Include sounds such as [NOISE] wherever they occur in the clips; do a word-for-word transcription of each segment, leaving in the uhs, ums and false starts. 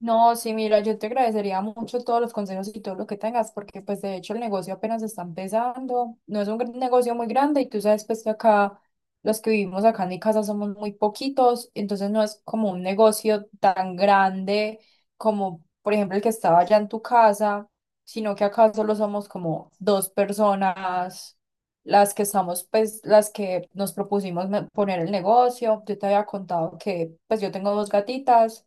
No, sí, mira, yo te agradecería mucho todos los consejos y todo lo que tengas, porque pues de hecho el negocio apenas está empezando, no es un gran- negocio muy grande y tú sabes pues que acá los que vivimos acá en mi casa somos muy poquitos, entonces no es como un negocio tan grande como por ejemplo el que estaba allá en tu casa, sino que acá solo somos como dos personas las que estamos, pues, las que nos propusimos me- poner el negocio. Yo te había contado que, pues, yo tengo dos gatitas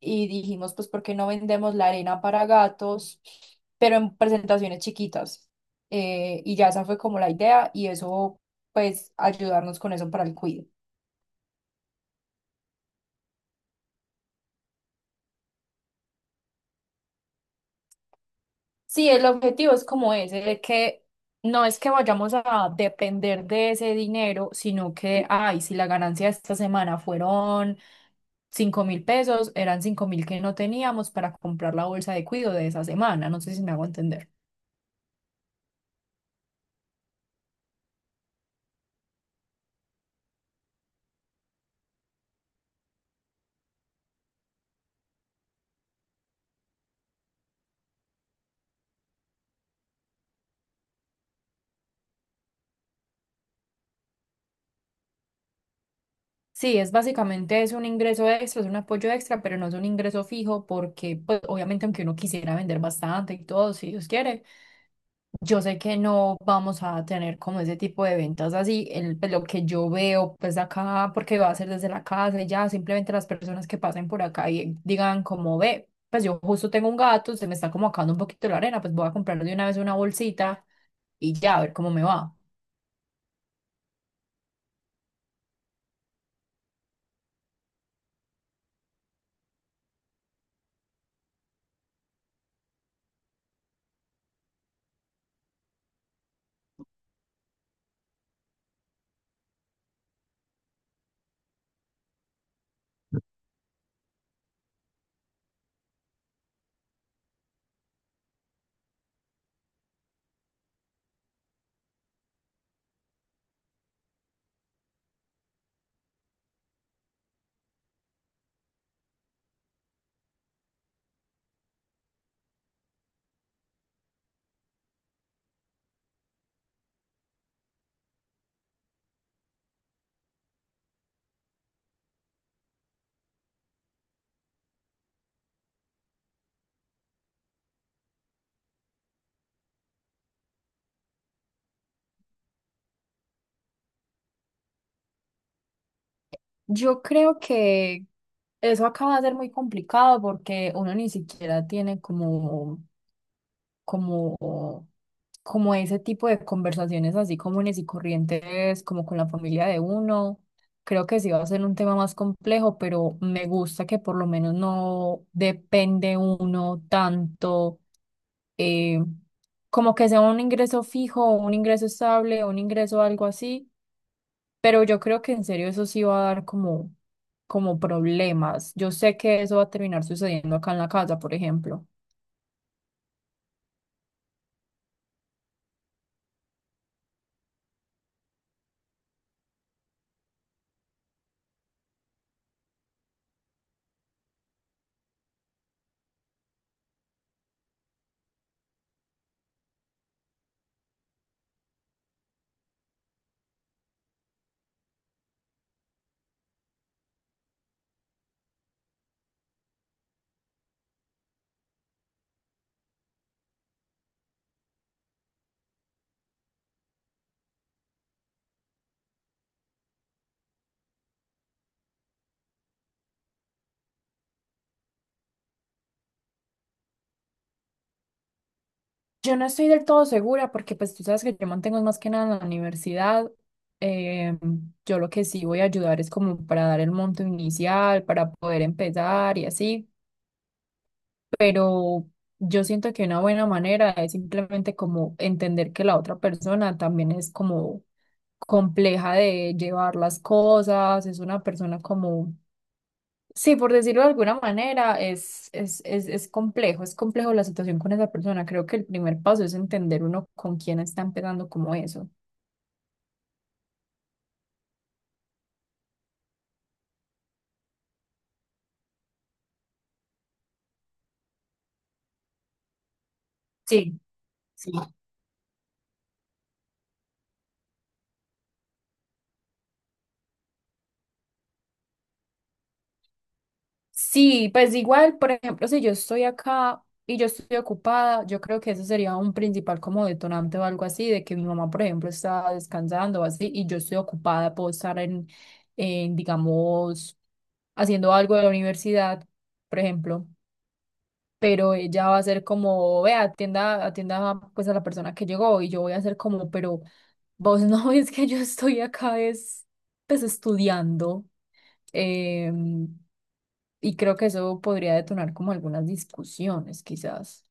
y dijimos, pues, ¿por qué no vendemos la arena para gatos, pero en presentaciones chiquitas? Eh, y ya esa fue como la idea y eso, pues, ayudarnos con eso para el cuido. Sí, el objetivo es como ese, de que no es que vayamos a depender de ese dinero, sino que, ay, si la ganancia de esta semana fueron cinco mil pesos, eran cinco mil que no teníamos para comprar la bolsa de cuido de esa semana. No sé si me hago entender. Sí, es básicamente es un ingreso extra, es un apoyo extra, pero no es un ingreso fijo porque, pues, obviamente, aunque uno quisiera vender bastante y todo, si Dios quiere, yo sé que no vamos a tener como ese tipo de ventas así, el, pues, lo que yo veo, pues, acá, porque va a ser desde la casa y ya, simplemente las personas que pasen por acá y digan como, ve, pues yo justo tengo un gato, se me está como acabando un poquito la arena, pues voy a comprar de una vez una bolsita y ya, a ver cómo me va. Yo creo que eso acaba de ser muy complicado porque uno ni siquiera tiene como, como, como ese tipo de conversaciones así comunes y corrientes, como con la familia de uno. Creo que sí va a ser un tema más complejo, pero me gusta que por lo menos no depende uno tanto, eh, como que sea un ingreso fijo, un ingreso estable, un ingreso algo así, pero yo creo que en serio eso sí va a dar como, como problemas. Yo sé que eso va a terminar sucediendo acá en la casa, por ejemplo. Yo no estoy del todo segura porque pues tú sabes que yo mantengo más que nada en la universidad. Eh, yo lo que sí voy a ayudar es como para dar el monto inicial, para poder empezar y así. Pero yo siento que una buena manera es simplemente como entender que la otra persona también es como compleja de llevar las cosas, es una persona como, sí, por decirlo de alguna manera, es, es, es, es complejo, es complejo la situación con esa persona. Creo que el primer paso es entender uno con quién está empezando como eso. Sí, sí. Sí, pues igual, por ejemplo, si yo estoy acá y yo estoy ocupada, yo creo que eso sería un principal como detonante o algo así, de que mi mamá, por ejemplo, está descansando o así, y yo estoy ocupada, puedo estar en, en, digamos, haciendo algo de la universidad, por ejemplo, pero ella va a ser como, vea, atienda, atienda pues a la persona que llegó y yo voy a ser como, pero vos [LAUGHS] no ves que yo estoy acá es, pues, estudiando, em, y creo que eso podría detonar como algunas discusiones quizás.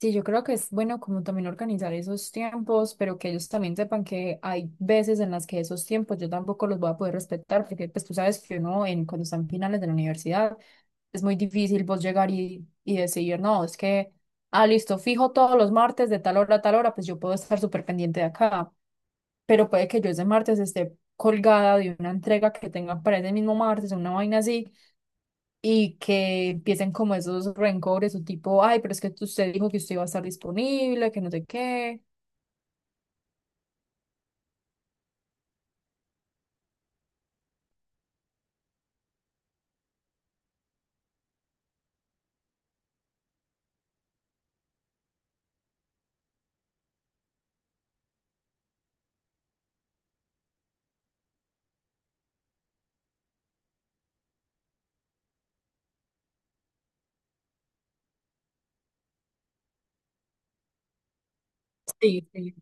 Sí, yo creo que es bueno como también organizar esos tiempos, pero que ellos también sepan que hay veces en las que esos tiempos yo tampoco los voy a poder respetar, porque pues tú sabes que uno en, cuando están en finales de la universidad es muy difícil vos llegar y, y decir, no, es que, ah, listo, fijo todos los martes de tal hora a tal hora, pues yo puedo estar súper pendiente de acá, pero puede que yo ese martes esté colgada de una entrega que tengan para ese mismo martes, una vaina así, y que empiecen como esos rencores o tipo, ay, pero es que usted dijo que usted iba a estar disponible, que no sé qué. Sí, sí.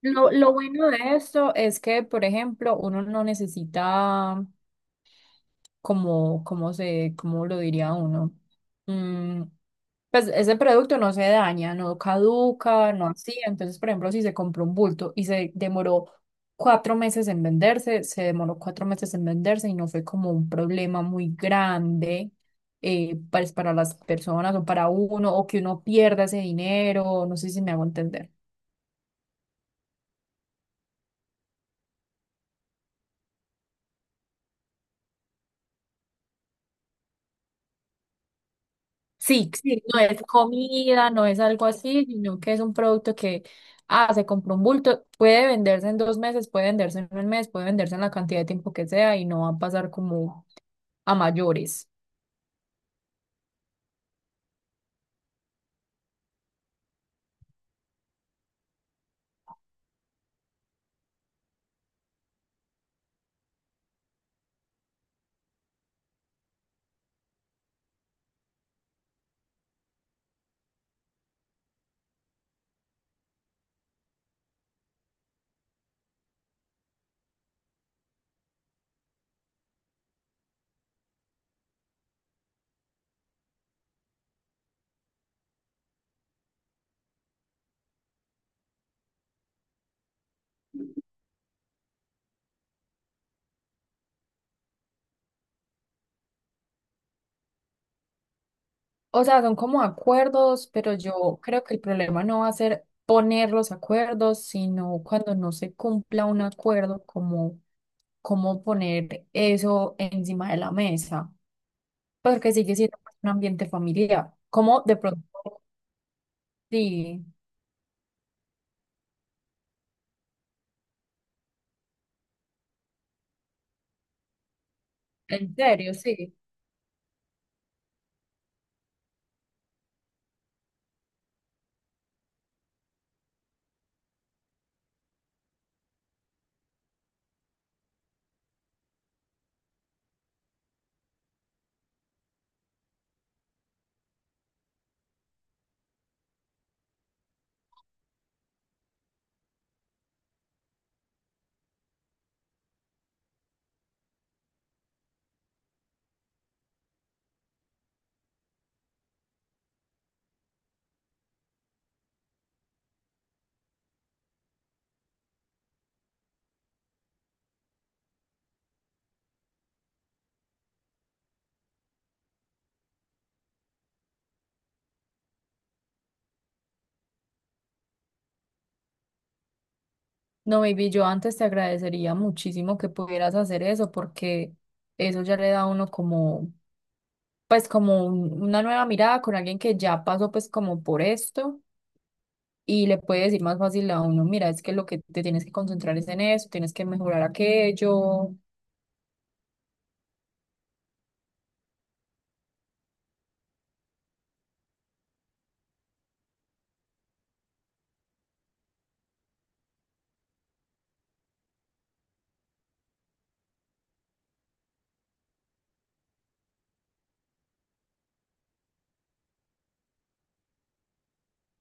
Lo, lo bueno de esto es que, por ejemplo, uno no necesita como, como se, como lo diría uno. Mm, pues ese producto no se daña, no caduca, no así. Entonces, por ejemplo, si se compró un bulto y se demoró cuatro meses en venderse, se demoró cuatro meses en venderse y no fue como un problema muy grande, eh, pues, para las personas o para uno, o que uno pierda ese dinero, no sé si me hago entender. Sí, sí, no es comida, no es algo así, sino que es un producto que, ah, se compró un bulto, puede venderse en dos meses, puede venderse en un mes, puede venderse en la cantidad de tiempo que sea y no va a pasar como a mayores. O sea, son como acuerdos, pero yo creo que el problema no va a ser poner los acuerdos, sino cuando no se cumpla un acuerdo, como cómo poner eso encima de la mesa, porque sigue siendo un ambiente familiar. Como de pronto, sí, en serio, sí. No, baby, yo antes te agradecería muchísimo que pudieras hacer eso porque eso ya le da a uno como, pues, como un- una nueva mirada con alguien que ya pasó pues como por esto y le puede decir más fácil a uno, mira, es que lo que te tienes que concentrar es en eso, tienes que mejorar aquello.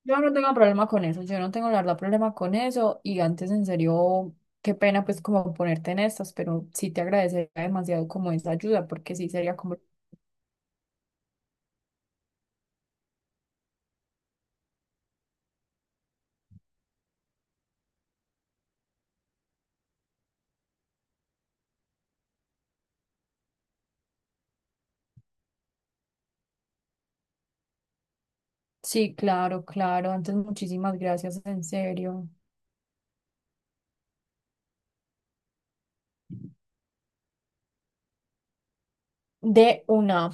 Yo no tengo problema con eso, yo no tengo la verdad problema con eso y antes en serio, qué pena pues como ponerte en estas, pero sí te agradecería demasiado como esa ayuda porque sí sería como, sí, claro, claro. Antes, muchísimas gracias, en serio. De una.